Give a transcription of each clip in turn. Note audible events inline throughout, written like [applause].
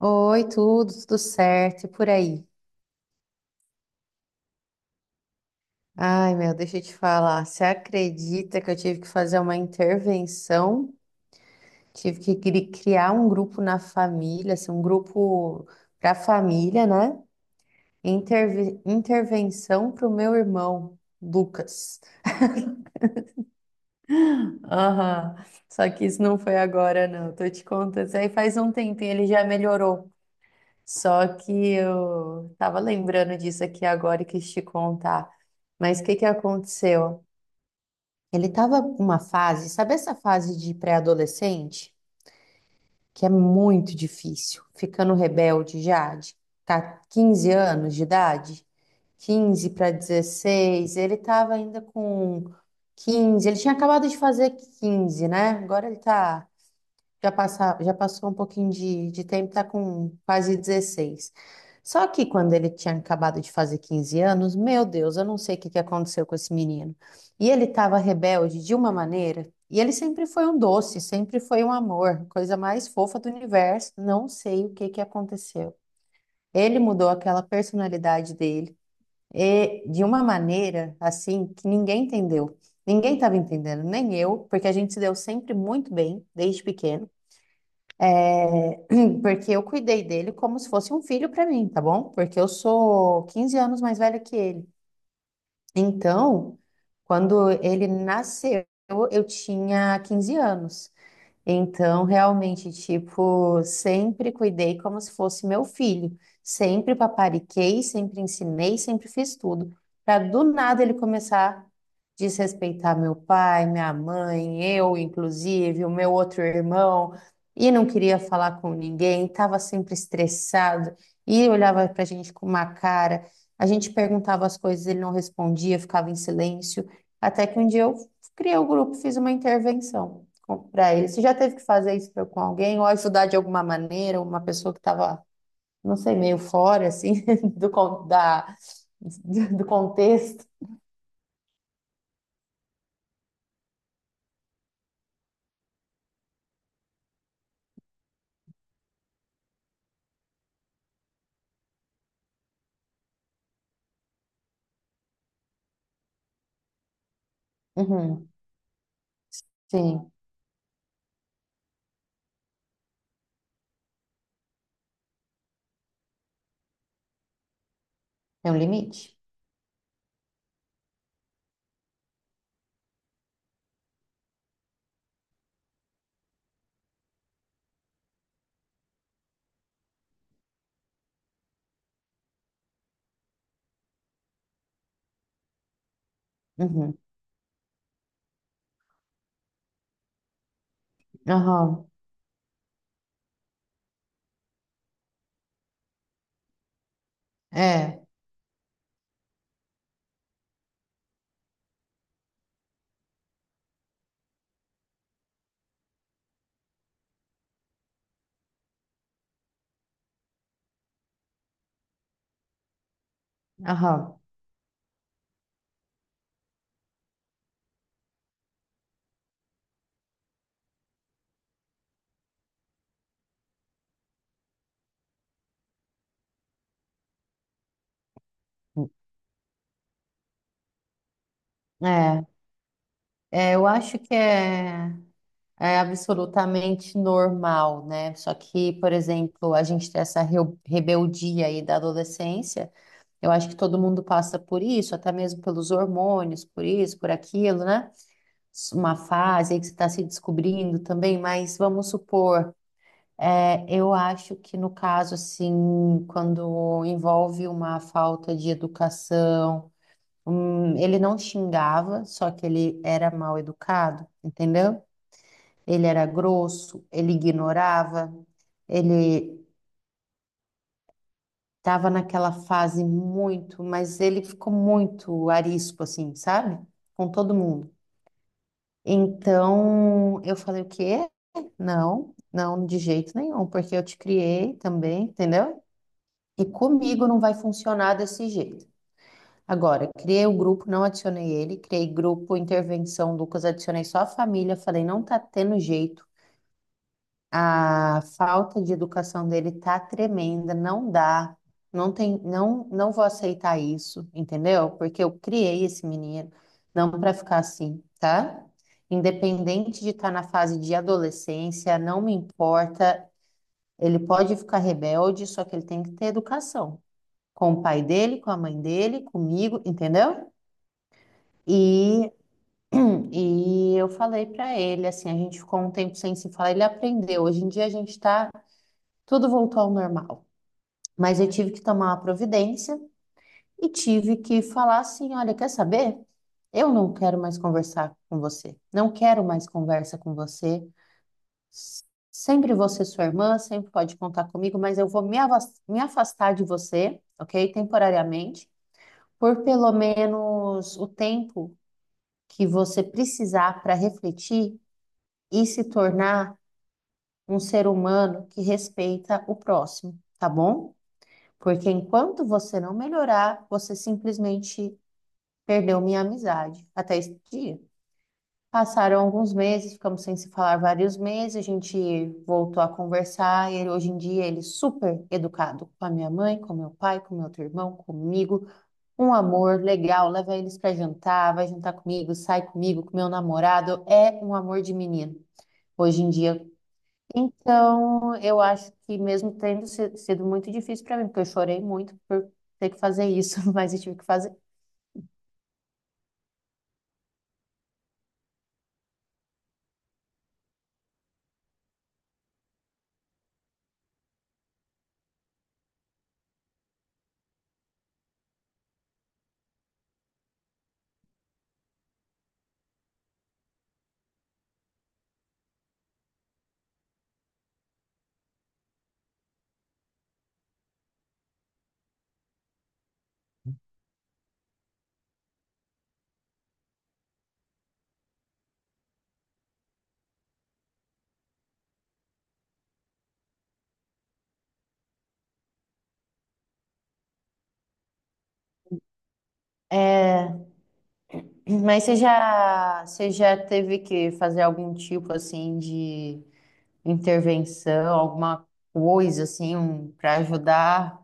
Oi, tudo, tudo certo, e por aí? Ai, meu, deixa eu te falar. Você acredita que eu tive que fazer uma intervenção? Tive que criar um grupo na família, assim, um grupo para família, né? Intervenção para o meu irmão, Lucas. Aham, só que isso não foi agora, não. Tô te contando. Isso aí faz um tempinho, ele já melhorou. Só que eu tava lembrando disso aqui agora e quis te contar. Mas o que que aconteceu? Ele estava numa fase, sabe essa fase de pré-adolescente? Que é muito difícil, ficando rebelde já, de 15 anos de idade, 15 para 16, ele estava ainda com 15, ele tinha acabado de fazer 15, né? Agora ele está já, já passou um pouquinho de tempo, tá com quase 16. Só que quando ele tinha acabado de fazer 15 anos, meu Deus, eu não sei o que que aconteceu com esse menino. E ele estava rebelde de uma maneira, e ele sempre foi um doce, sempre foi um amor, coisa mais fofa do universo. Não sei o que que aconteceu. Ele mudou aquela personalidade dele, e de uma maneira assim que ninguém entendeu. Ninguém estava entendendo, nem eu, porque a gente se deu sempre muito bem desde pequeno. Sim, porque eu cuidei dele como se fosse um filho para mim, tá bom? Porque eu sou 15 anos mais velha que ele. Então, quando ele nasceu, eu tinha 15 anos. Então, realmente, tipo, sempre cuidei como se fosse meu filho. Sempre papariquei, sempre ensinei, sempre fiz tudo. Para do nada ele começar a desrespeitar meu pai, minha mãe, eu, inclusive, o meu outro irmão, e não queria falar com ninguém, estava sempre estressado e olhava para a gente com uma cara. A gente perguntava as coisas, ele não respondia, ficava em silêncio. Até que um dia eu criei o grupo, fiz uma intervenção comprar ele. Você já teve que fazer isso pra- com alguém ou ajudar de alguma maneira uma pessoa que estava, não sei, meio fora assim [laughs] do con- da do contexto? Uhum, sim, tem um limite. Uhum. Aham. É. Aham. É. É, eu acho que é, é absolutamente normal, né? Só que, por exemplo, a gente tem essa rebeldia aí da adolescência. Eu acho que todo mundo passa por isso, até mesmo pelos hormônios, por isso, por aquilo, né? Uma fase aí que você está se descobrindo também, mas vamos supor, é, eu acho que no caso, assim, quando envolve uma falta de educação, ele não xingava, só que ele era mal educado, entendeu? Ele era grosso, ele ignorava, ele estava naquela fase muito, mas ele ficou muito arisco, assim, sabe? Com todo mundo. Então, eu falei o quê? Não, não de jeito nenhum, porque eu te criei também, entendeu? E comigo não vai funcionar desse jeito. Agora, criei o grupo, não adicionei ele, criei grupo, intervenção, Lucas, adicionei só a família, falei, não tá tendo jeito. A falta de educação dele tá tremenda, não dá. Não tem, não, não vou aceitar isso, entendeu? Porque eu criei esse menino, não para ficar assim, tá? Independente de estar na fase de adolescência, não me importa. Ele pode ficar rebelde, só que ele tem que ter educação com o pai dele, com a mãe dele, comigo, entendeu? E [clears throat] e eu falei pra ele, assim, a gente ficou um tempo sem se falar, ele aprendeu. Hoje em dia a gente tá, tudo voltou ao normal. Mas eu tive que tomar uma providência e tive que falar assim: olha, quer saber? Eu não quero mais conversar com você. Não quero mais conversa com você. Sempre você, sua irmã, sempre pode contar comigo, mas eu vou me afastar de você, ok? Temporariamente, por pelo menos o tempo que você precisar para refletir e se tornar um ser humano que respeita o próximo, tá bom? Porque enquanto você não melhorar, você simplesmente perdeu minha amizade até esse dia. Passaram alguns meses, ficamos sem se falar vários meses, a gente voltou a conversar. E ele, hoje em dia ele é super educado com a minha mãe, com meu pai, com meu outro irmão, comigo. Um amor legal, leva eles para jantar, vai jantar comigo, sai comigo, com meu namorado. É um amor de menino. Hoje em dia, então, eu acho que mesmo tendo sido muito difícil para mim, porque eu chorei muito por ter que fazer isso, [laughs] mas eu tive que fazer. É, mas você já teve que fazer algum tipo assim de intervenção, alguma coisa assim um, para ajudar?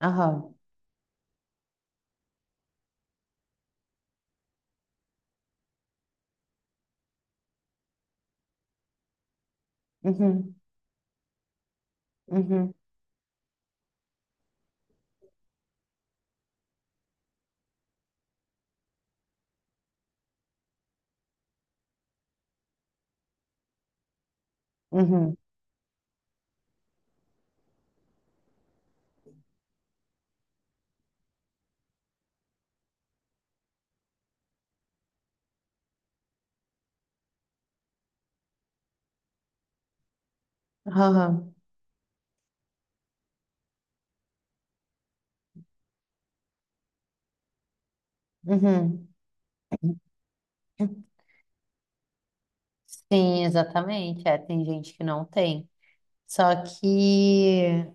Aham. Uhum. Uhum. Uhum. Aham. Uhum. Sim, exatamente. É, tem gente que não tem. Só que,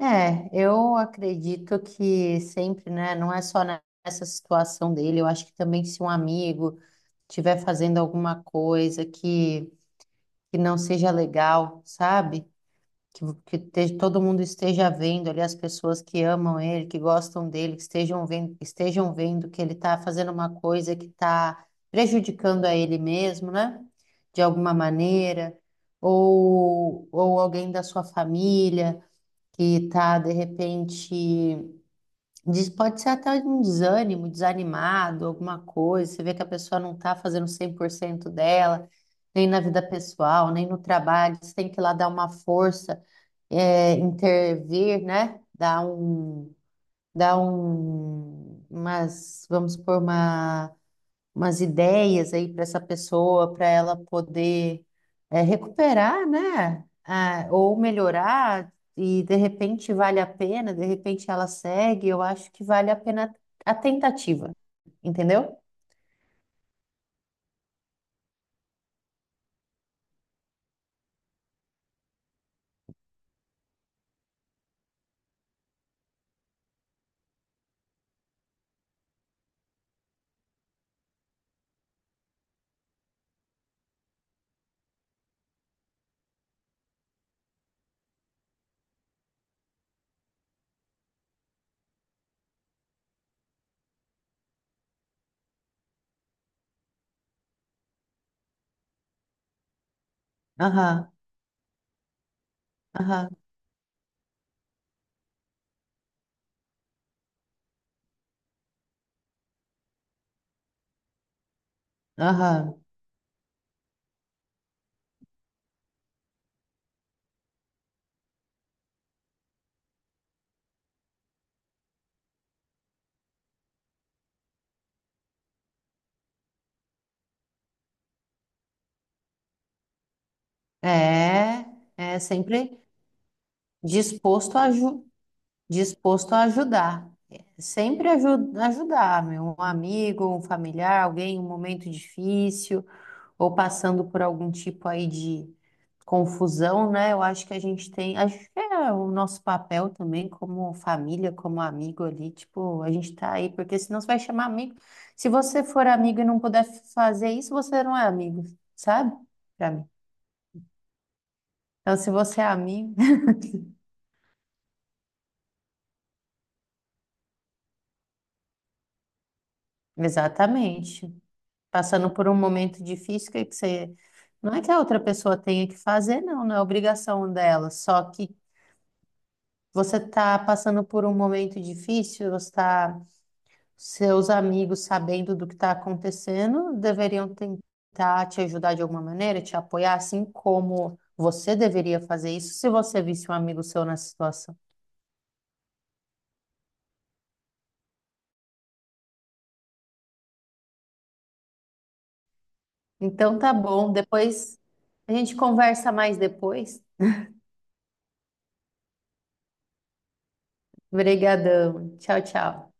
é, eu acredito que sempre, né? Não é só nessa situação dele. Eu acho que também se um amigo estiver fazendo alguma coisa que não seja legal, sabe? Que todo mundo esteja vendo ali as pessoas que amam ele, que gostam dele, que estejam vendo que ele está fazendo uma coisa que está prejudicando a ele mesmo, né? De alguma maneira, ou alguém da sua família que tá de repente, diz pode ser até um desânimo, desanimado, alguma coisa, você vê que a pessoa não tá fazendo 100% dela, nem na vida pessoal, nem no trabalho, você tem que ir lá dar uma força, é, intervir, né? Dar um, umas, vamos supor, uma umas ideias aí para essa pessoa, para ela poder, é, recuperar, né? Ah, ou melhorar, e de repente vale a pena, de repente ela segue, eu acho que vale a pena a tentativa, entendeu? Aham, aham, aham. É, é sempre disposto a, aju disposto a ajudar. Sempre ajudar, meu, um amigo, um familiar, alguém em um momento difícil, ou passando por algum tipo aí de confusão, né? Eu acho que a gente tem, acho que é o nosso papel também como família, como amigo ali, tipo, a gente tá aí, porque senão você vai chamar amigo. Se você for amigo e não puder fazer isso, você não é amigo, sabe? Pra mim. Então, se você é amigo, [laughs] exatamente. Passando por um momento difícil, que você, não é que a outra pessoa tenha que fazer, não, não é obrigação dela, só que você está passando por um momento difícil, você está, seus amigos, sabendo do que está acontecendo, deveriam tentar te ajudar de alguma maneira, te apoiar, assim como você deveria fazer isso se você visse um amigo seu nessa situação. Então tá bom, depois a gente conversa mais depois. Obrigadão. Tchau, tchau.